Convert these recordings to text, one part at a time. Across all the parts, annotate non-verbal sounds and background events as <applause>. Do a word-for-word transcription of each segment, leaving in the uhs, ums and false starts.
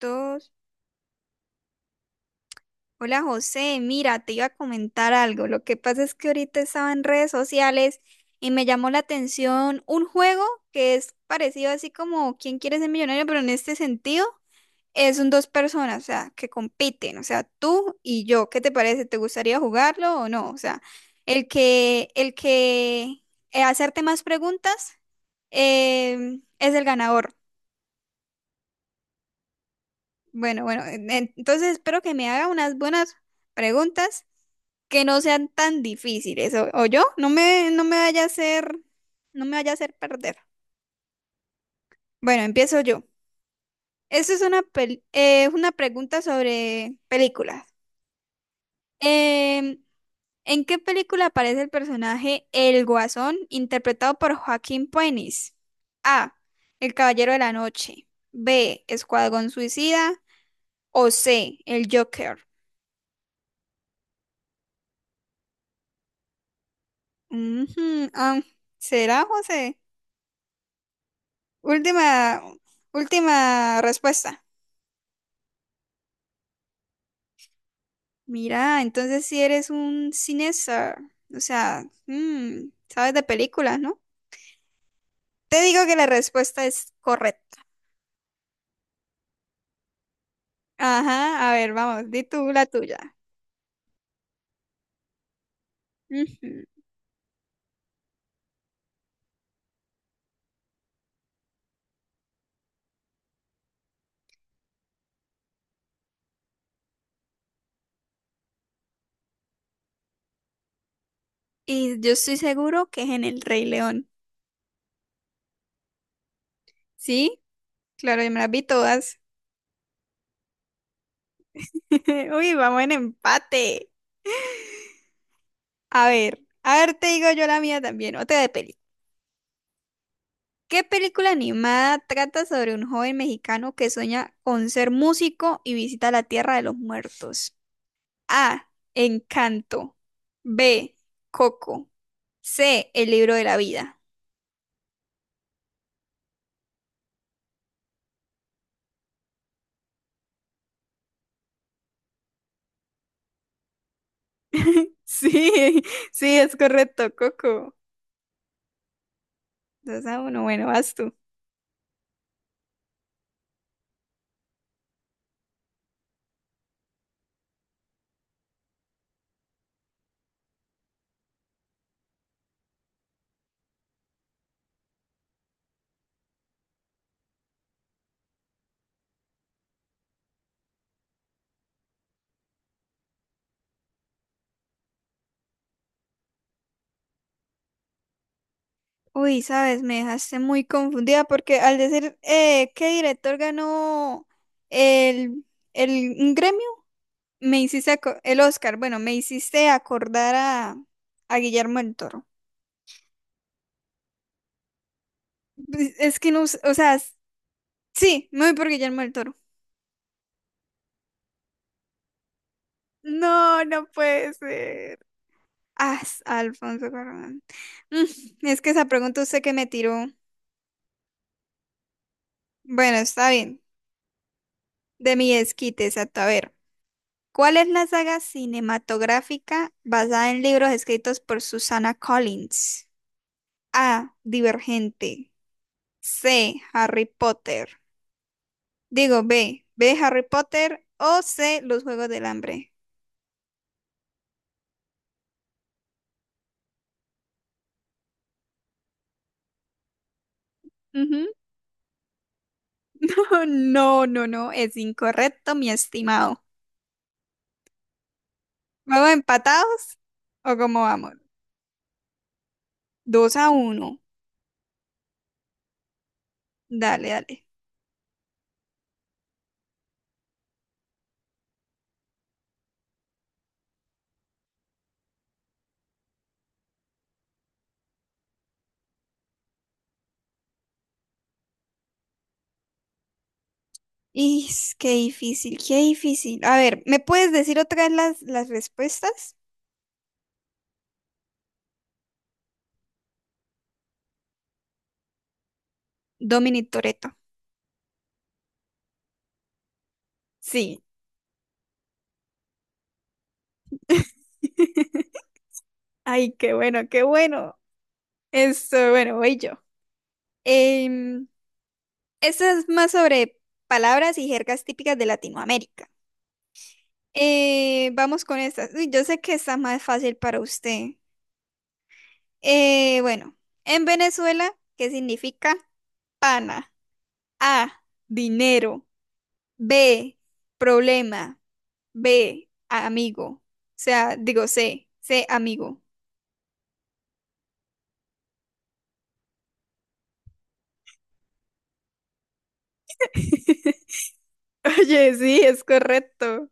Dos. Hola José, mira, te iba a comentar algo. Lo que pasa es que ahorita estaba en redes sociales y me llamó la atención un juego que es parecido así como ¿Quién quiere ser millonario? Pero en este sentido es un dos personas, o sea, que compiten, o sea, tú y yo. ¿Qué te parece? ¿Te gustaría jugarlo o no? O sea, el que, el que eh, hacerte más preguntas em, es el ganador. Bueno, bueno, en- en- entonces espero que me haga unas buenas preguntas que no sean tan difíciles. O, o yo, no me, no me vaya a hacer, no me vaya a hacer perder. Bueno, empiezo yo. Esta es una, pel- eh, una pregunta sobre películas. Em, ¿en qué película aparece el personaje El Guasón, interpretado por Joaquín Phoenix? A. El Caballero de la Noche. B. Escuadrón Suicida. O C. El Joker. Ujú, am, ¿será, José? Última, última respuesta. Mira, entonces si eres un cineasta, o sea, mm, sabes de películas, ¿no? Te digo que la respuesta es correcta. Ajá, a ver, vamos, di tú la tuya. Ujú. Y yo estoy seguro que es en El Rey León. ¿Sí? Claro, yo me las vi todas. <laughs> Uy, vamos en empate. A ver, a ver, te digo yo la mía también, otra de peli. ¿Qué película animada trata sobre un joven mexicano que sueña con ser músico y visita la tierra de los muertos? A. Encanto. B. Coco. C. El libro de la vida. Sí, <laughs> sí, es correcto, Coco. Dos a uno, bueno, vas tú. Uy, sabes, me dejaste muy confundida porque al decir eh, qué director ganó el, el un gremio, me hiciste aco- el Oscar, bueno, me hiciste acordar a, a Guillermo del Toro. Es que no, s- o sea, s- sí, me voy por Guillermo del Toro. No, no puede ser. Ah, s- Alfonso Cuarón. Mm, es que esa pregunta usted que me tiró. Bueno, está bien. De mi esquite, exacto. A ver, ¿cuál es la saga cinematográfica basada en libros escritos por Susana Collins? A. Divergente. C. Harry Potter. Digo B. B. Harry Potter o C. Los Juegos del Hambre. <laughs> No, no, no, es incorrecto, mi estimado. ¿Vamos empatados o cómo vamos? Dos a uno. Dale, dale. Is, qué difícil, qué difícil. A ver, ¿me puedes decir otra vez las, las respuestas? Dominic Toretto. Sí. <laughs> Ay, qué bueno, qué bueno. Esto, bueno, voy yo. Em, esto es más sobre palabras y jergas típicas de Latinoamérica. Eh, vamos con estas. Uy, yo sé que está más fácil para usted. Eh, bueno, en Venezuela, ¿qué significa pana? A, dinero. B, problema. B, amigo. O sea, digo C, C, amigo. <laughs> Oye, sí, es correcto.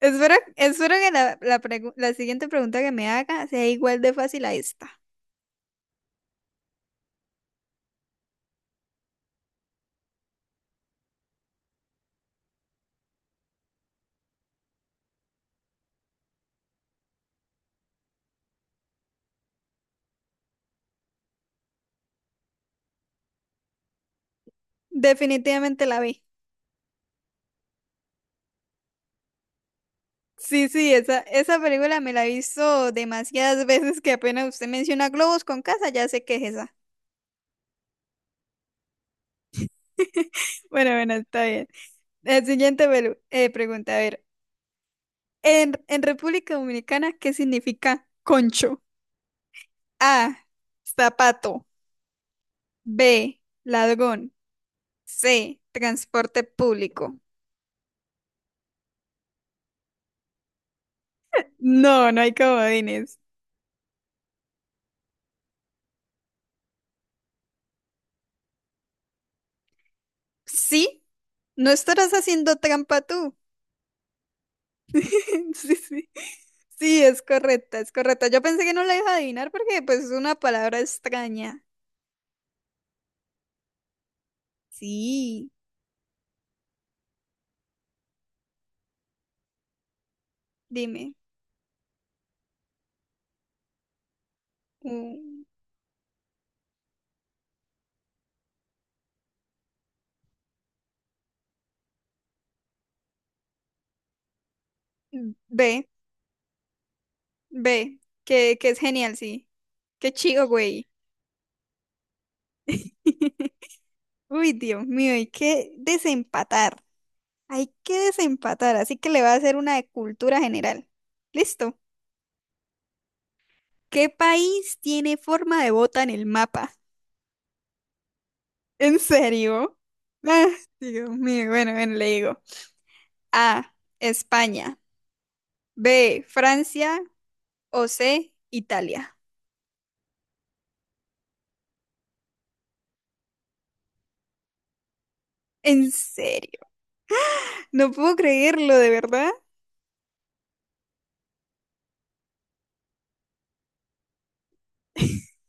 Espero, espero que la, la pregu- la siguiente pregunta que me haga sea igual de fácil a esta. Definitivamente la vi. Sí, sí, esa, esa película me la he visto demasiadas veces que apenas usted menciona globos con casa, ya sé que es esa. <laughs> Bueno, bueno, está bien. La siguiente pelu- eh, pregunta, a ver. En, en República Dominicana, ¿qué significa concho? A, zapato. B, ladrón. C, transporte público. No, no hay comodines. Sí, no estarás haciendo trampa tú. <laughs> Sí, sí. Sí, es correcta, es correcta. Yo pensé que no la iba a adivinar porque pues es una palabra extraña. Sí, dime. Mm, B, B, que, que es genial, sí. Qué chido, güey. <laughs> Uy, Dios mío, hay que desempatar. Hay que desempatar, así que le va a hacer una de cultura general. Listo. ¿Qué país tiene forma de bota en el mapa? ¿En serio? <laughs> Ah, Dios mío, bueno, bueno, le digo. A, España. B, Francia. O C, Italia. ¿En serio? No puedo creerlo, de verdad.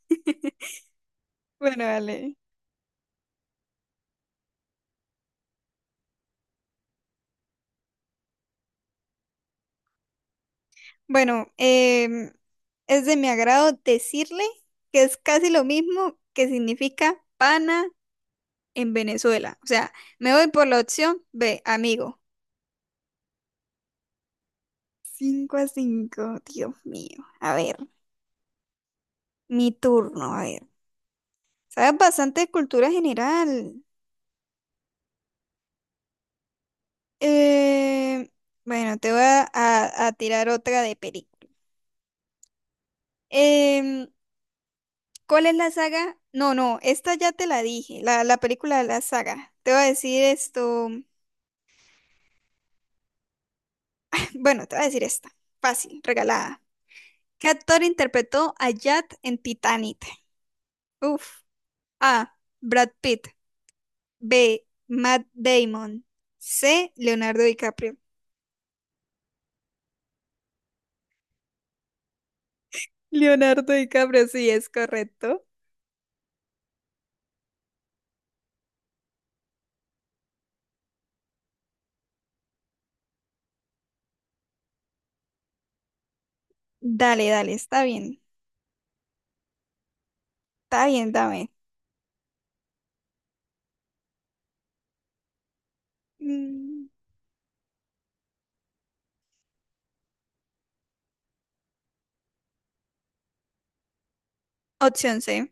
<laughs> Bueno, vale. Bueno, em, es de mi agrado decirle que es casi lo mismo que significa pana en Venezuela. O sea, me voy por la opción B, amigo. Cinco a cinco, Dios mío. A ver, mi turno, a ver. Sabes bastante de cultura general. Eh, bueno, te voy a, a- a tirar otra de película. Em, ¿cuál es la saga? No, no, esta ya te la dije, la, la película de la saga. Te voy a decir esto. <clears throat> <laughs> Bueno, te voy a decir esta. Fácil, regalada. ¿Qué actor interpretó a Jack en Titanic? Uf. A. Brad Pitt. B. Matt Damon. C. Leonardo DiCaprio. Leonardo DiCaprio, sí, es correcto. Dale, dale, está bien. Está bien, dame. Mm, opción C.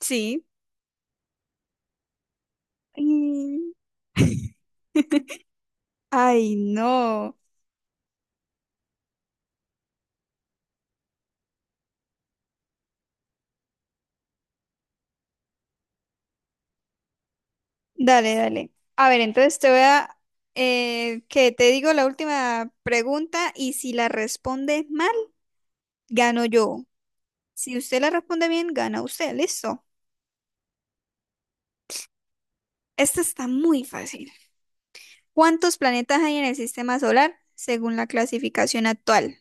Sí. Mm, <laughs> Ay, no. Dale, dale. A ver, entonces te voy a... eh, que te digo la última pregunta y si la respondes mal, gano yo. Si usted la responde bien, gana usted. Listo. Esta está muy fácil. ¿Cuántos planetas hay en el sistema solar según la clasificación actual?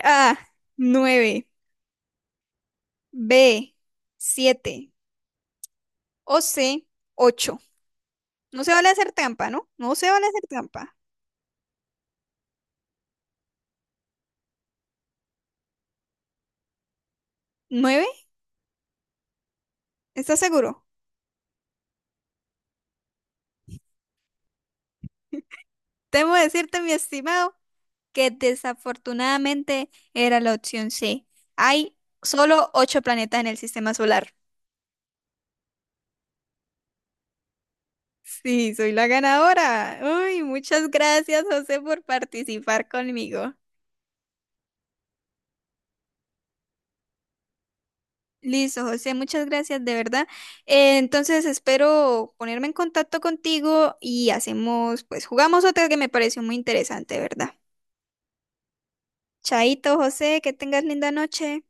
A, Nueve. B, Siete. O C, Ocho. No se vale hacer trampa, ¿no? No se vale hacer trampa. Nueve. ¿Estás seguro? Temo decirte, mi estimado, que desafortunadamente era la opción C. Hay solo ocho planetas en el sistema solar. Sí, soy la ganadora. Uy, muchas gracias, José, por participar conmigo. Listo, José, muchas gracias, de verdad. Eh, entonces espero ponerme en contacto contigo y hacemos, pues jugamos otra que me pareció muy interesante, de ¿verdad? Chaito, José, que tengas linda noche.